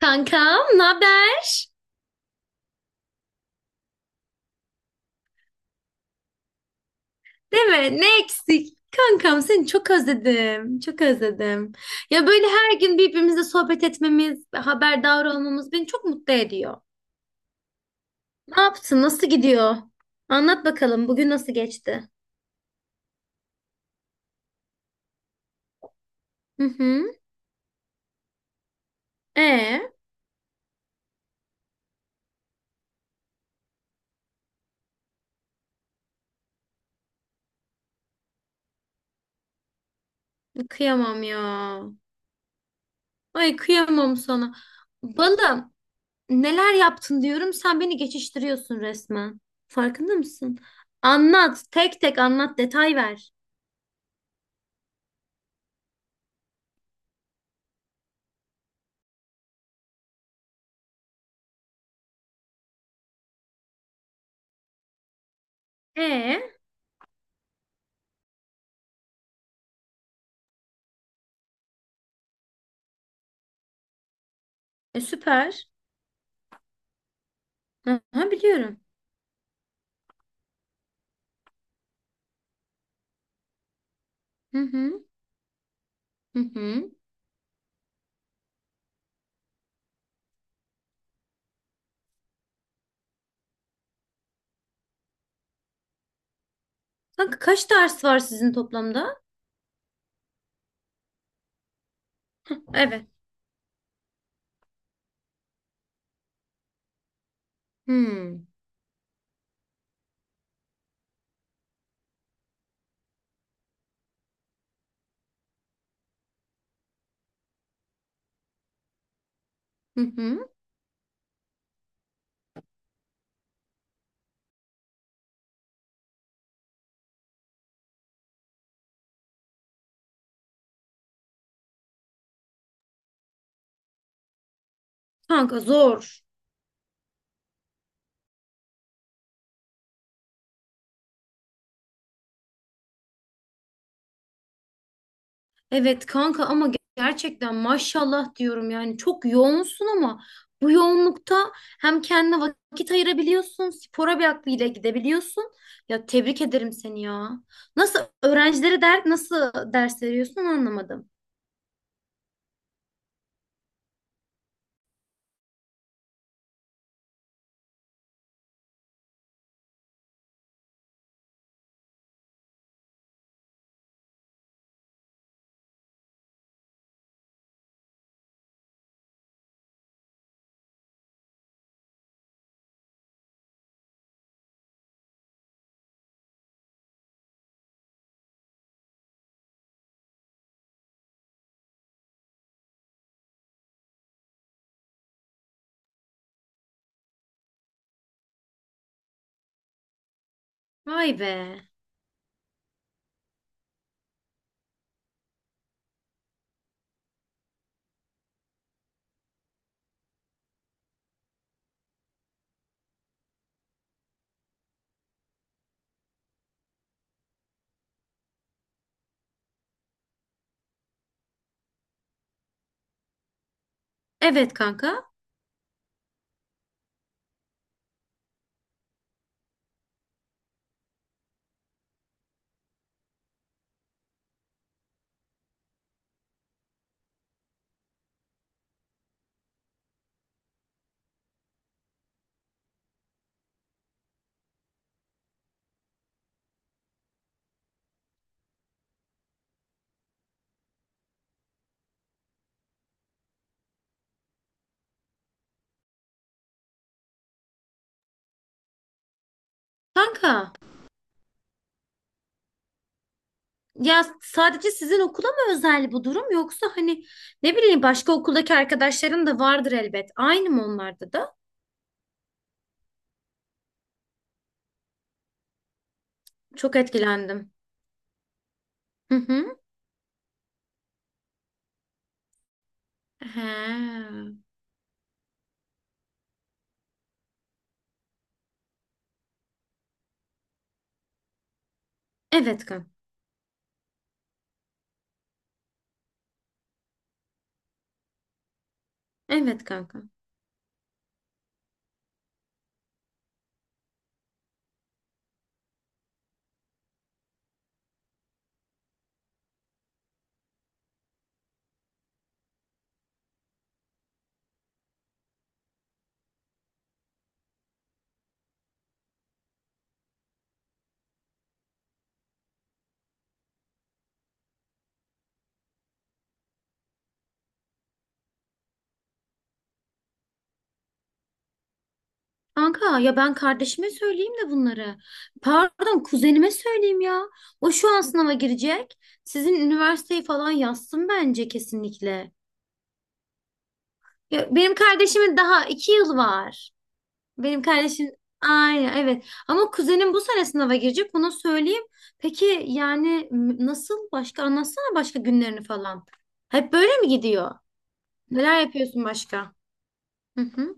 Kankam, ne haber? Değil mi? Ne eksik? Kankam seni çok özledim. Çok özledim. Ya böyle her gün birbirimizle sohbet etmemiz, haberdar olmamız beni çok mutlu ediyor. Ne yaptın? Nasıl gidiyor? Anlat bakalım bugün nasıl geçti? Hı hı. E, Kıyamam ya. Ay kıyamam sana. Balım, neler yaptın diyorum sen beni geçiştiriyorsun resmen. Farkında mısın? Anlat, tek tek anlat, detay ver. E, e süper. Aha, biliyorum. Hı hı. Hı hı. Kanka kaç ders var sizin toplamda? Evet. Hmm. Hı hı. Kanka zor. Evet kanka ama gerçekten maşallah diyorum yani çok yoğunsun ama bu yoğunlukta hem kendine vakit ayırabiliyorsun, spora bir aklıyla gidebiliyorsun. Ya tebrik ederim seni ya. Nasıl öğrencilere der, nasıl ders veriyorsun anlamadım. Vay be. Evet kanka. Kanka, ya sadece sizin okula mı özel bu durum, yoksa hani ne bileyim başka okuldaki arkadaşların da vardır elbet. Aynı mı onlarda da? Çok etkilendim. Hı hı. He. Evet kanka. Evet kanka. Kanka ya ben kardeşime söyleyeyim de bunları. Pardon kuzenime söyleyeyim ya. O şu an sınava girecek. Sizin üniversiteyi falan yazsın bence kesinlikle. Ya, benim kardeşimin daha iki yıl var. Benim kardeşim aynen evet. Ama kuzenim bu sene sınava girecek onu söyleyeyim. Peki yani nasıl başka anlatsana başka günlerini falan. Hep böyle mi gidiyor? Neler yapıyorsun başka? Hı hı.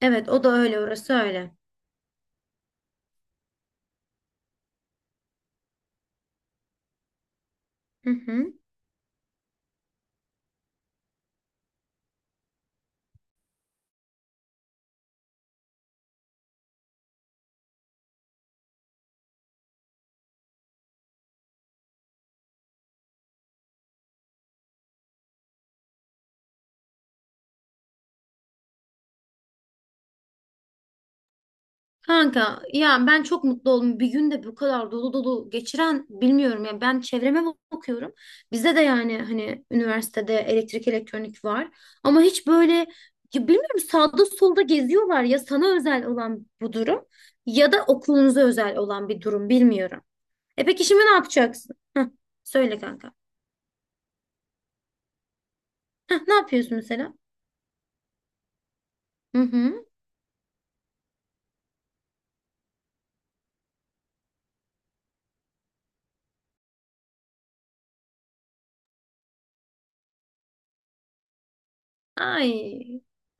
Evet o da öyle, orası öyle. Hı hı. Kanka ya ben çok mutlu oldum. Bir günde bu kadar dolu dolu geçiren bilmiyorum ya. Ben çevreme bakıyorum. Bizde de yani hani üniversitede elektrik elektronik var. Ama hiç böyle ya bilmiyorum, sağda solda geziyorlar ya sana özel olan bu durum, ya da okulunuza özel olan bir durum, bilmiyorum. E peki şimdi ne yapacaksın? Heh, söyle kanka. Heh, ne yapıyorsun mesela? Hı hı. Ay,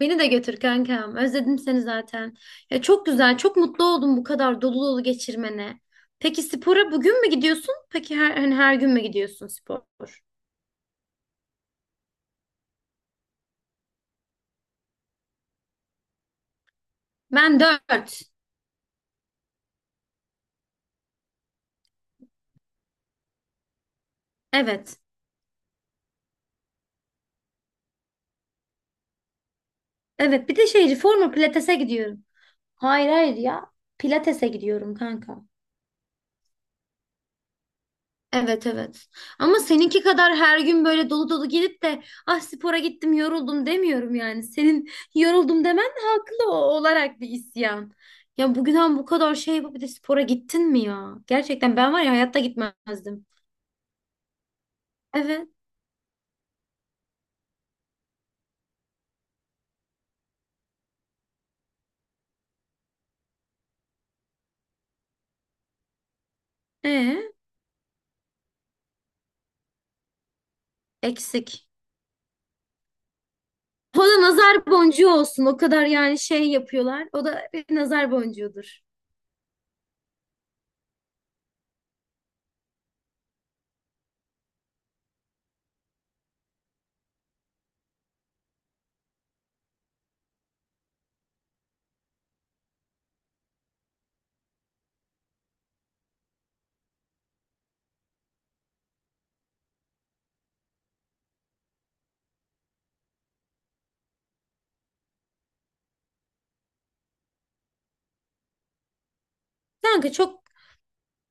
beni de götür kankam. Özledim seni zaten. Ya çok güzel, çok mutlu oldum bu kadar dolu dolu geçirmene. Peki spora bugün mü gidiyorsun? Peki her, hani her gün mü gidiyorsun spor? Ben dört. Evet. Evet. Bir de şey reformer pilatese gidiyorum. Hayır hayır ya. Pilatese gidiyorum kanka. Evet evet. Ama seninki kadar her gün böyle dolu dolu gelip de ah spora gittim yoruldum demiyorum yani. Senin yoruldum demen de haklı olarak bir isyan. Ya bugünden bu kadar şey yapıp bir de spora gittin mi ya? Gerçekten ben var ya hayatta gitmezdim. Evet. Ee, Eksik. O da nazar boncuğu olsun. O kadar yani şey yapıyorlar. O da bir nazar boncuğudur. Kanka çok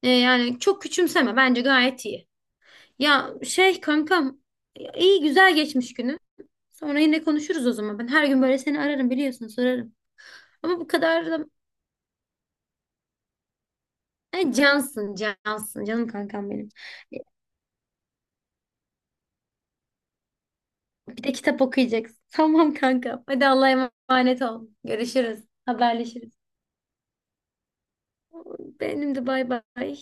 yani çok küçümseme. Bence gayet iyi. Ya şey kankam ya iyi güzel geçmiş günü. Sonra yine konuşuruz o zaman. Ben her gün böyle seni ararım biliyorsun sorarım. Ama bu kadar da cansın cansın canım kankam benim. Bir de kitap okuyacaksın. Tamam kankam. Hadi Allah'a emanet ol. Görüşürüz. Haberleşiriz. Benim de bay bay.